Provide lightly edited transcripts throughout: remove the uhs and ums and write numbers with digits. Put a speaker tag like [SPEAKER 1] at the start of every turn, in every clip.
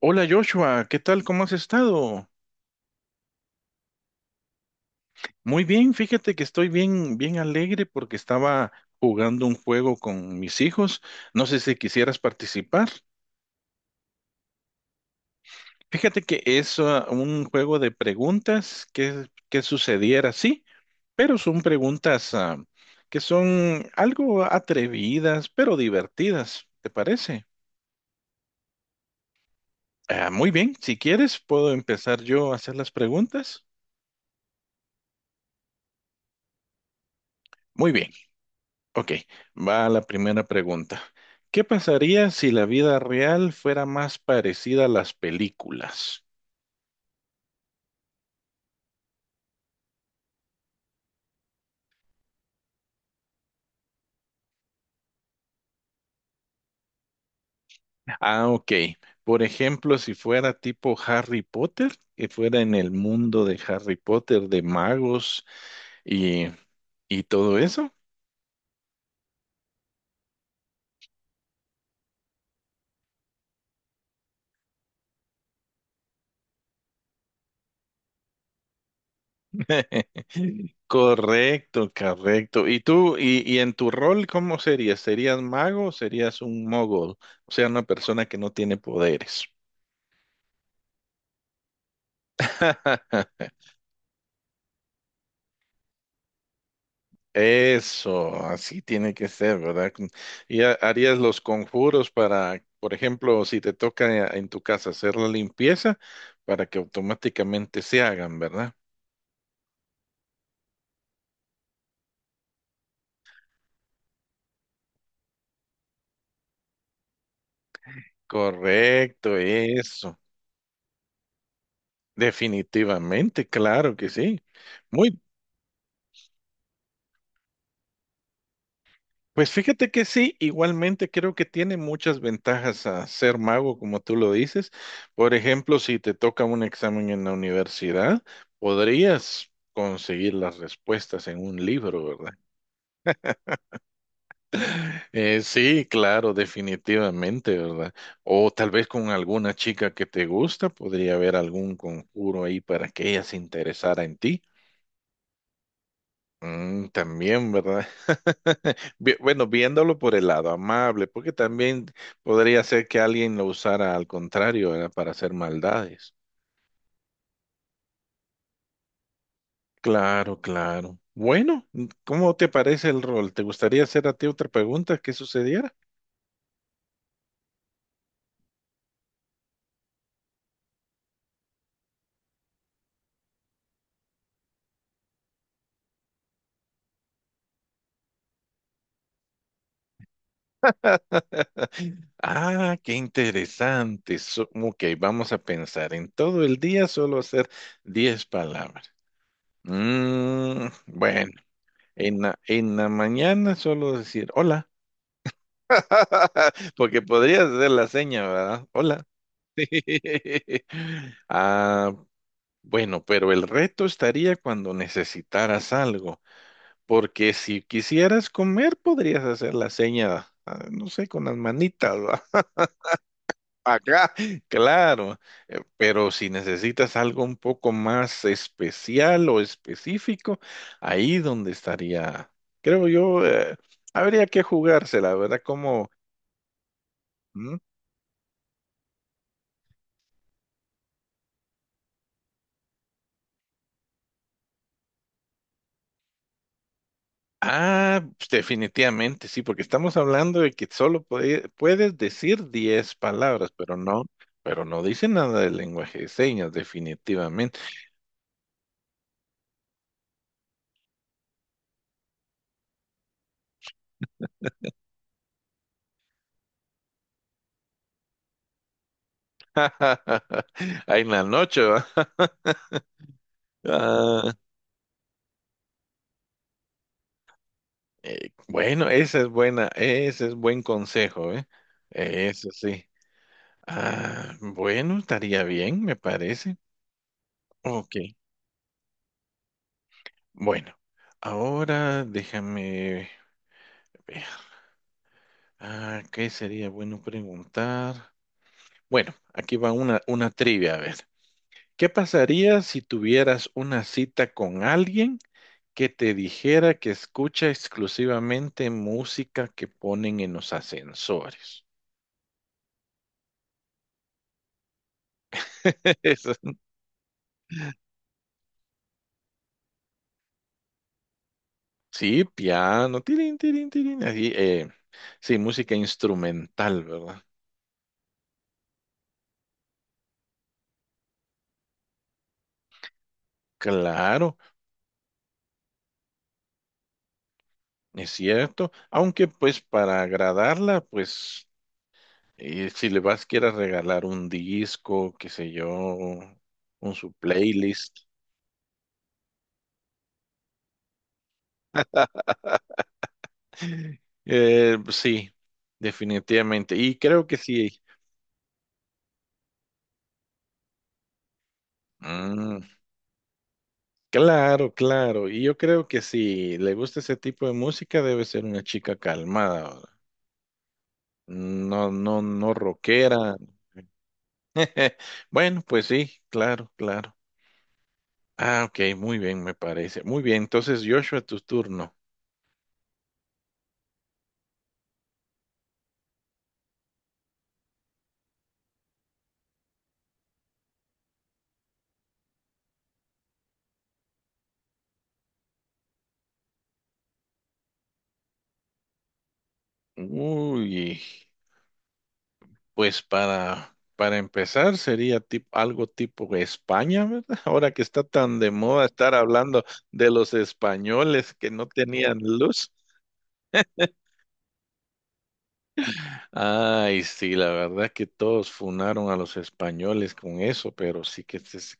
[SPEAKER 1] Hola Joshua, ¿qué tal? ¿Cómo has estado? Muy bien, fíjate que estoy bien, bien alegre porque estaba jugando un juego con mis hijos. No sé si quisieras participar. Fíjate que es un juego de preguntas que sucediera, sí, pero son preguntas que son algo atrevidas, pero divertidas, ¿te parece? Muy bien, si quieres puedo empezar yo a hacer las preguntas. Muy bien. Ok, va la primera pregunta. ¿Qué pasaría si la vida real fuera más parecida a las películas? Ah, ok. Por ejemplo, si fuera tipo Harry Potter, que fuera en el mundo de Harry Potter, de magos y, y todo eso. Correcto, correcto. ¿Y tú, y en tu rol, cómo serías? ¿Serías mago o serías un mogul? O sea, una persona que no tiene poderes. Eso, así tiene que ser, ¿verdad? Y harías los conjuros para, por ejemplo, si te toca en tu casa hacer la limpieza, para que automáticamente se hagan, ¿verdad? Correcto, eso. Definitivamente, claro que sí. Muy Pues fíjate que sí, igualmente creo que tiene muchas ventajas a ser mago, como tú lo dices. Por ejemplo, si te toca un examen en la universidad, podrías conseguir las respuestas en un libro, ¿verdad? Sí, claro, definitivamente, ¿verdad? O tal vez con alguna chica que te gusta, podría haber algún conjuro ahí para que ella se interesara en ti. Mm, también, ¿verdad? Bueno, viéndolo por el lado amable, porque también podría ser que alguien lo usara al contrario, ¿verdad? Para hacer maldades. Claro, claro. Bueno, ¿cómo te parece el rol? ¿Te gustaría hacer a ti otra pregunta que sucediera? Qué interesante. Ok, vamos a pensar en todo el día solo hacer 10 palabras. Mm, bueno, en la mañana solo decir hola. Porque podrías hacer la seña, ¿verdad? Hola. Ah, bueno, pero el reto estaría cuando necesitaras algo, porque si quisieras comer, podrías hacer la seña, no sé, con las manitas, ¿va? Acá, claro, pero si necesitas algo un poco más especial o específico, ahí donde estaría, creo yo, habría que jugársela, ¿verdad? Como, pues, definitivamente, sí, porque estamos hablando de que puedes decir 10 palabras, pero no dice nada del lenguaje de señas, definitivamente. Ahí en la noche, ¿va? Ah, bueno, esa es buena, ese es buen consejo, ¿eh? Eso sí. Ah, bueno, estaría bien, me parece. Ok, bueno, ahora déjame ver. Ah, ¿qué sería bueno preguntar? Bueno, aquí va una trivia, a ver. ¿Qué pasaría si tuvieras una cita con alguien que te dijera que escucha exclusivamente música que ponen en los ascensores? Eso- Sí, piano, tirín, tirín, tirín, así, sí, música instrumental, ¿verdad? Claro, es cierto, aunque pues para agradarla, pues si le vas quieras regalar un disco, qué sé yo, un su playlist. Pues sí, definitivamente. Y creo que sí. Mm, claro, claro. Y yo creo que si le gusta ese tipo de música, debe ser una chica calmada. ¿Verdad? No, no, no rockera. Bueno, pues sí, claro, claro. Ah, ok, muy bien, me parece. Muy bien, entonces Joshua, tu turno. Uy. Pues para empezar sería algo tipo España, ¿verdad? Ahora que está tan de moda estar hablando de los españoles que no tenían luz. Ay, sí, la verdad que todos funaron a los españoles con eso, pero sí que se- se-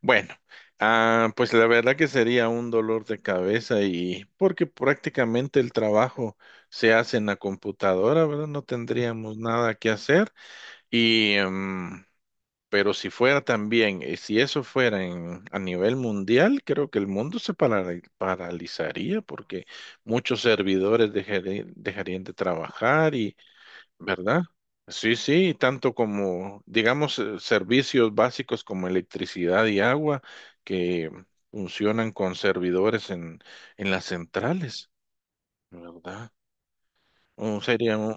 [SPEAKER 1] Bueno, pues la verdad que sería un dolor de cabeza y porque prácticamente el trabajo se hace en la computadora, ¿verdad? No tendríamos nada que hacer y... em, pero si fuera también, si eso fuera a nivel mundial, creo que el mundo paralizaría porque muchos servidores dejarían de trabajar y, ¿verdad? Sí, sí, tanto como, digamos, servicios básicos como electricidad y agua que funcionan con servidores en las centrales, ¿verdad? Un- sería un,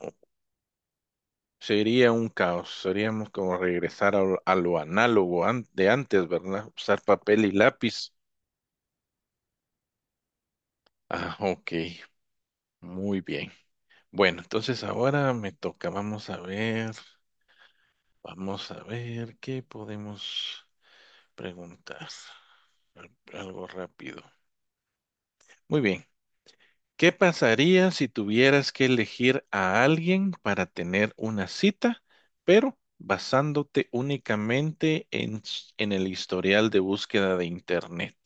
[SPEAKER 1] Sería un caos, seríamos como regresar a lo análogo de antes, ¿verdad? Usar papel y lápiz. Ah, ok, muy bien. Bueno, entonces ahora me toca, vamos a ver qué podemos preguntar. Algo rápido. Muy bien, ¿qué pasaría si tuvieras que elegir a alguien para tener una cita, pero basándote únicamente en en el historial de búsqueda de Internet?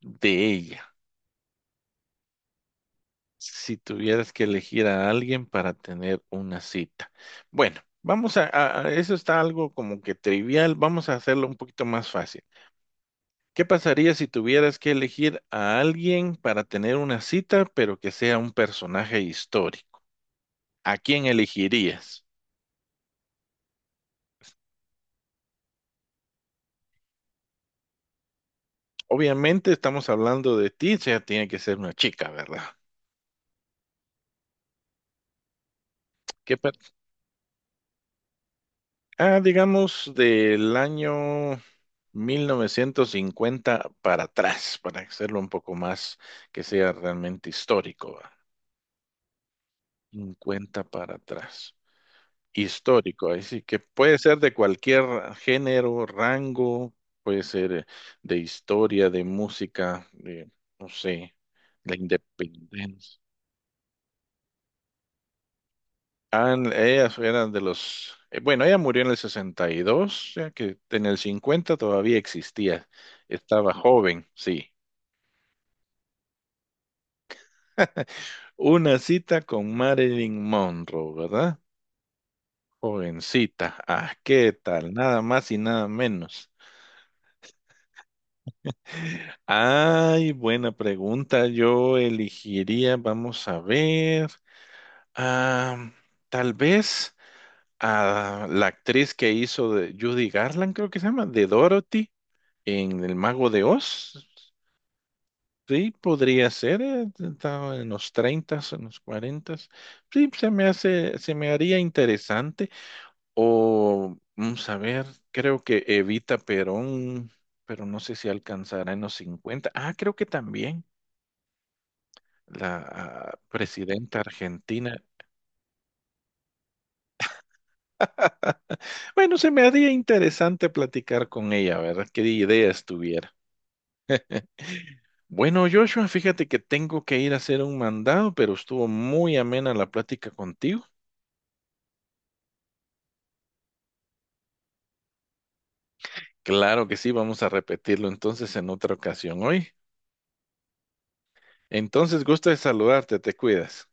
[SPEAKER 1] De ella, si tuvieras que elegir a alguien para tener una cita. Bueno, vamos a, eso está algo como que trivial, vamos a hacerlo un poquito más fácil. ¿Qué pasaría si tuvieras que elegir a alguien para tener una cita, pero que sea un personaje histórico? ¿A quién elegirías? Obviamente estamos hablando de ti, o sea, tiene que ser una chica, ¿verdad? ¿Qué per- digamos del año 1950 para atrás, para hacerlo un poco más que sea realmente histórico, ¿va? 50 para atrás. Histórico, ahí sí, que puede ser de cualquier género, rango, puede ser de historia, de música, de, no sé, la independencia. Ah, ella era de los, bueno, ella murió en el 62, o sea que en el 50 todavía existía, estaba joven, sí. Una cita con Marilyn Monroe, ¿verdad? Jovencita. Ah, ¿qué tal? Nada más y nada menos. Ay, buena pregunta. Yo elegiría, vamos a ver, ah, tal vez a la actriz que hizo de Judy Garland, creo que se llama, de Dorothy en El Mago de Oz. Sí, podría ser, estaba en los 30, en los 40. Sí, se me hace, se me haría interesante. O, vamos a ver, creo que Evita Perón, pero no sé si alcanzará en los 50. Ah, creo que también la presidenta argentina. Bueno, se me haría interesante platicar con ella, ¿verdad? ¿Qué ideas tuviera? Bueno, Joshua, fíjate que tengo que ir a hacer un mandado, pero estuvo muy amena la plática contigo. Claro que sí, vamos a repetirlo entonces en otra ocasión hoy. Entonces, gusto de saludarte, te cuidas.